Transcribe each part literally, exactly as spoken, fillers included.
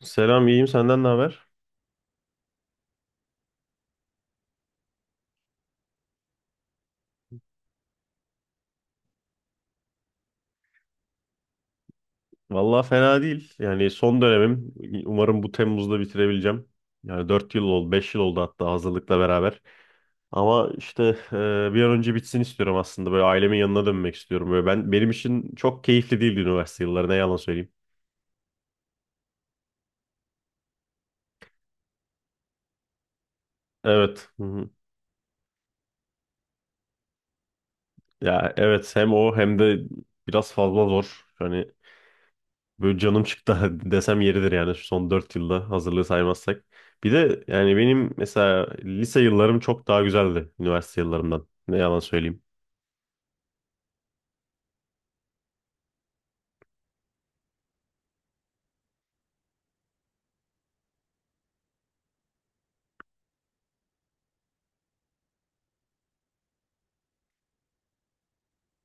Selam, iyiyim. Senden ne haber? Vallahi fena değil. Yani son dönemim. Umarım bu Temmuz'da bitirebileceğim. Yani dört yıl oldu, beş yıl oldu hatta hazırlıkla beraber. Ama işte e, bir an önce bitsin istiyorum aslında. Böyle ailemin yanına dönmek istiyorum. Böyle ben benim için çok keyifli değildi üniversite yılları. Ne yalan söyleyeyim. Evet. Hı hı. Ya evet, hem o hem de biraz fazla zor. Hani böyle canım çıktı desem yeridir yani şu son dört yılda hazırlığı saymazsak. Bir de yani benim mesela lise yıllarım çok daha güzeldi üniversite yıllarımdan. Ne yalan söyleyeyim.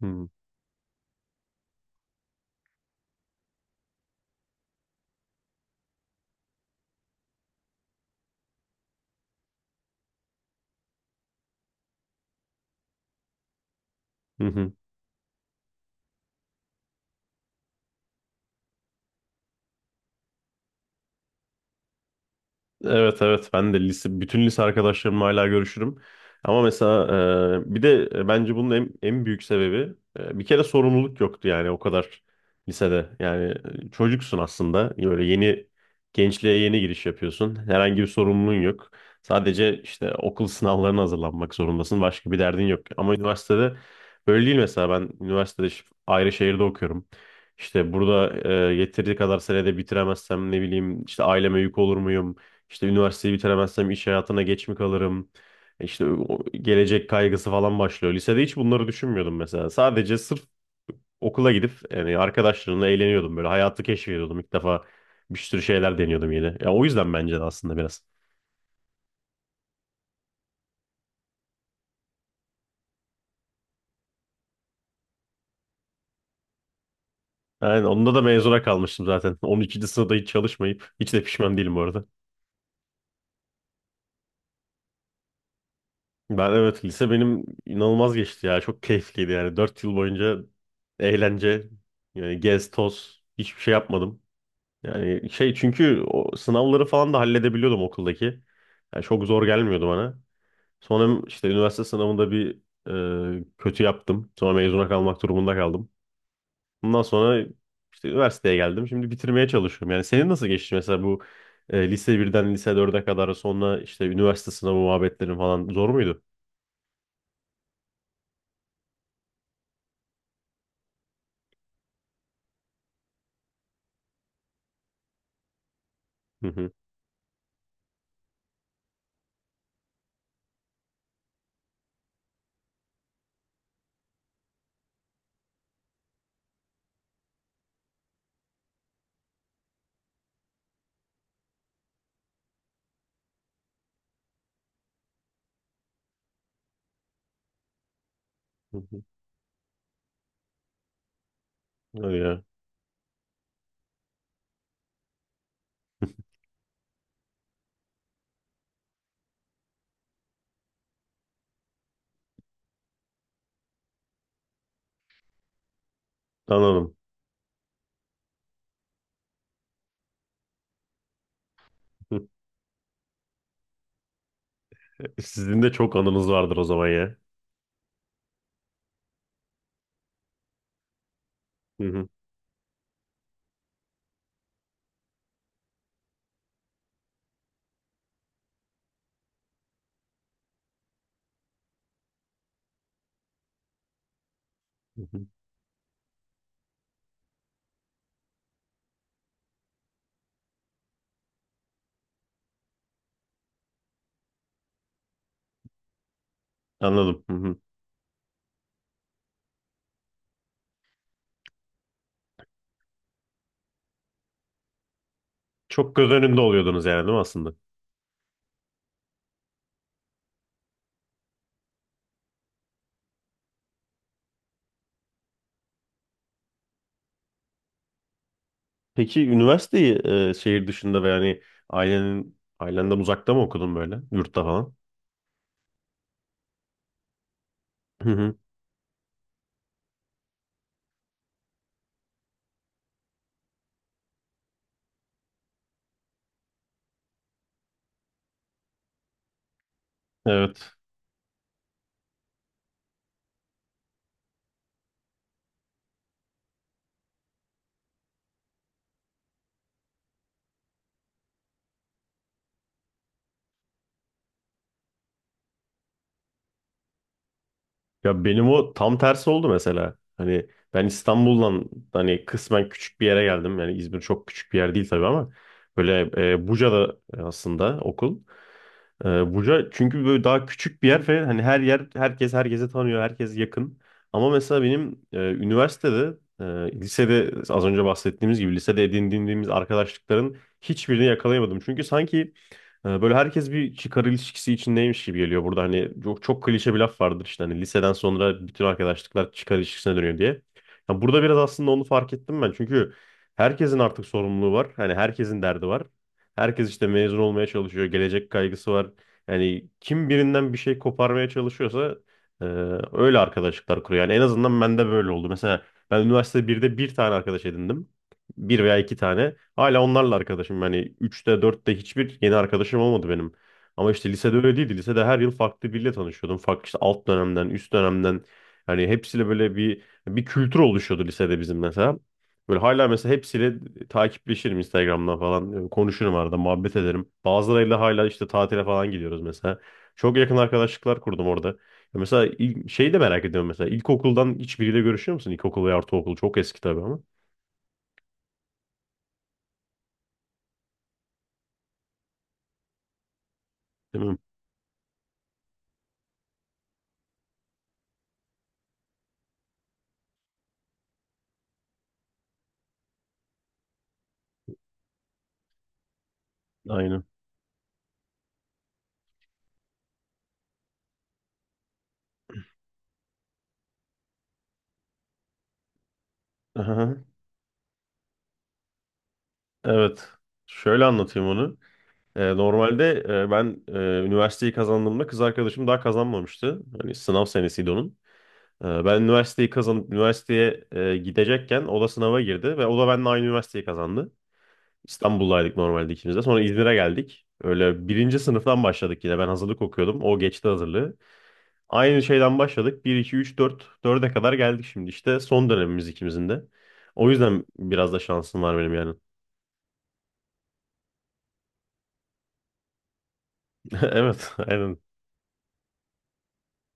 Hmm. Evet, evet, ben de lise bütün lise arkadaşlarımla hala görüşürüm. Ama mesela e, bir de bence bunun en, en büyük sebebi e, bir kere sorumluluk yoktu yani o kadar lisede. Yani e, çocuksun aslında. Böyle yeni gençliğe yeni giriş yapıyorsun. Herhangi bir sorumluluğun yok. Sadece işte okul sınavlarına hazırlanmak zorundasın. Başka bir derdin yok. Ama üniversitede böyle değil mesela. Ben üniversitede şi- ayrı şehirde okuyorum. İşte burada e, yeteri kadar senede bitiremezsem ne bileyim işte aileme yük olur muyum? İşte üniversiteyi bitiremezsem iş hayatına geç mi kalırım? İşte o gelecek kaygısı falan başlıyor. Lisede hiç bunları düşünmüyordum mesela. Sadece sırf okula gidip yani arkadaşlarımla eğleniyordum böyle. Hayatı keşfediyordum. İlk defa bir sürü şeyler deniyordum yeni. Ya o yüzden bence de aslında biraz. Yani onda da mezuna kalmıştım zaten. on ikinci sınıfta hiç çalışmayıp hiç de pişman değilim bu arada. Ben evet, lise benim inanılmaz geçti ya. Çok keyifliydi yani. dört yıl boyunca eğlence, yani gez toz hiçbir şey yapmadım. Yani şey, çünkü o sınavları falan da halledebiliyordum okuldaki. Yani çok zor gelmiyordu bana. Sonra işte üniversite sınavında bir e, kötü yaptım. Sonra mezuna kalmak durumunda kaldım. Bundan sonra işte üniversiteye geldim. Şimdi bitirmeye çalışıyorum. Yani senin nasıl geçti mesela bu e, lise birden lise dörde kadar sonra işte üniversite sınavı muhabbetlerin falan zor muydu? Hı hı. Hı hı. Öyle ya. Anladım. Sizin de çok anınız vardır o zaman ya. Hı hı. Hı hı. Anladım. Hı hı. Çok göz önünde oluyordunuz yani değil mi aslında? Peki üniversiteyi e, şehir dışında ve yani ailenin ailenden uzakta mı okudun böyle? Yurtta falan. Hı hı. Evet. Ya benim o tam tersi oldu mesela. Hani ben İstanbul'dan hani kısmen küçük bir yere geldim. Yani İzmir çok küçük bir yer değil tabii ama böyle e, Buca'da aslında okul. Ee, Buca çünkü böyle daha küçük bir yer ve hani her yer, herkes herkese tanıyor, herkes yakın. Ama mesela benim e, üniversitede, e, lisede az önce bahsettiğimiz gibi lisede edindiğimiz arkadaşlıkların hiçbirini yakalayamadım. Çünkü sanki ee, böyle herkes bir çıkar ilişkisi içindeymiş gibi geliyor burada. Hani çok, çok klişe bir laf vardır işte hani liseden sonra bütün arkadaşlıklar çıkar ilişkisine dönüyor diye. Ya burada biraz aslında onu fark ettim ben. Çünkü herkesin artık sorumluluğu var. Hani herkesin derdi var. Herkes işte mezun olmaya çalışıyor. Gelecek kaygısı var. Yani kim birinden bir şey koparmaya çalışıyorsa e, öyle arkadaşlıklar kuruyor. Yani en azından bende böyle oldu. Mesela ben üniversite birde bir tane arkadaş edindim. Bir veya iki tane. Hala onlarla arkadaşım. Yani üçte dörtte hiçbir yeni arkadaşım olmadı benim. Ama işte lisede öyle değildi. Lisede her yıl farklı biriyle tanışıyordum. Farklı işte alt dönemden, üst dönemden. Yani hepsiyle böyle bir bir kültür oluşuyordu lisede bizim mesela. Böyle hala mesela hepsiyle takipleşirim Instagram'dan falan. Konuşurum arada, muhabbet ederim. Bazılarıyla hala işte tatile falan gidiyoruz mesela. Çok yakın arkadaşlıklar kurdum orada. Ya mesela il- şeyi de merak ediyorum mesela. İlkokuldan hiçbiriyle görüşüyor musun? İlkokul ve ortaokul çok eski tabii ama. Değil mi? Aynen. Evet. Şöyle anlatayım onu. Ee, normalde e, ben e, üniversiteyi kazandığımda kız arkadaşım daha kazanmamıştı. Hani sınav senesiydi onun. Ee, ben üniversiteyi kazanıp üniversiteye e, gidecekken o da sınava girdi ve o da benimle aynı üniversiteyi kazandı. İstanbul'daydık normalde ikimiz de. Sonra İzmir'e geldik. Öyle birinci sınıftan başladık yine. Ben hazırlık okuyordum. O geçti hazırlığı. Aynı şeyden başladık. Bir iki üç dört dörde kadar geldik şimdi. İşte son dönemimiz ikimizin de. O yüzden biraz da şansım var benim yani. Evet, aynen.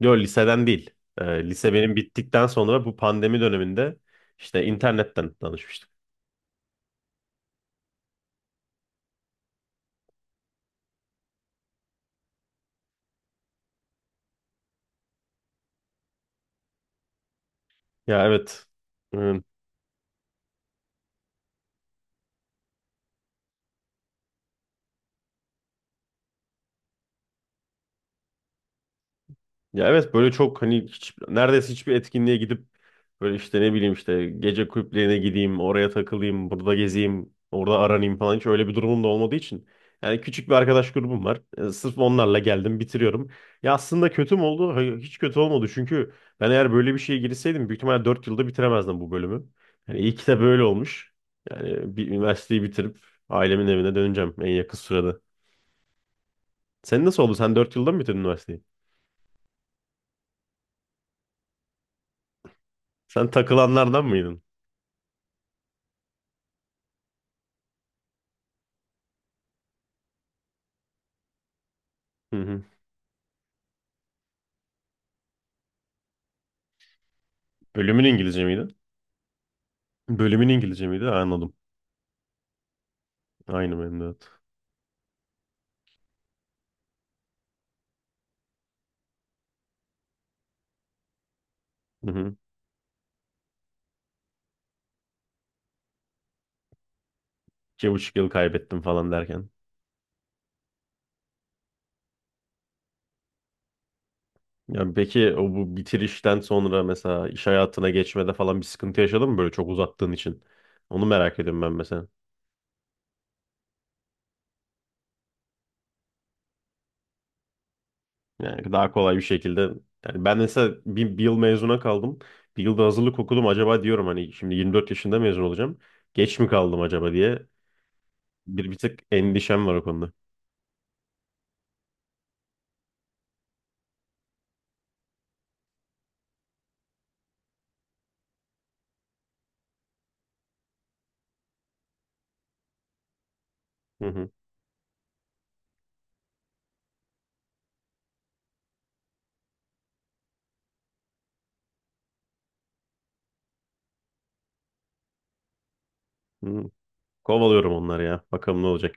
Yok, liseden değil. Ee, lise benim bittikten sonra bu pandemi döneminde işte internetten tanışmıştık. Ya evet. Ee, ya evet, böyle çok hani hiç, neredeyse hiçbir etkinliğe gidip böyle işte ne bileyim işte gece kulüplerine gideyim, oraya takılayım, burada gezeyim, orada aranayım falan hiç öyle bir durumum da olmadığı için. Yani küçük bir arkadaş grubum var. E, sırf onlarla geldim, bitiriyorum. Ya aslında kötü mü oldu? Hayır, hiç kötü olmadı. Çünkü ben eğer böyle bir şeye girseydim büyük ihtimalle dört yılda bitiremezdim bu bölümü. Yani iyi ki de böyle olmuş. Yani bir üniversiteyi bitirip ailemin evine döneceğim en yakın sürede. Sen nasıl oldu? Sen dört yılda mı bitirdin üniversiteyi? Sen takılanlardan mıydın? Hı hı. Bölümün İngilizce miydi? Bölümün İngilizce miydi? Ha, anladım. Aynı benim de. Evet. Hı hı. İki buçuk yıl kaybettim falan derken. Ya peki o bu bitirişten sonra mesela iş hayatına geçmede falan bir sıkıntı yaşadın mı böyle çok uzattığın için? Onu merak ediyorum ben mesela. Yani daha kolay bir şekilde. Yani ben mesela bir, bir yıl mezuna kaldım. Bir yılda hazırlık okudum. Acaba diyorum hani şimdi yirmi dört yaşında mezun olacağım. Geç mi kaldım acaba diye. Bir, bir tık endişem var o konuda. Hı hı. Hı. Kovalıyorum onları ya. Bakalım ne olacak.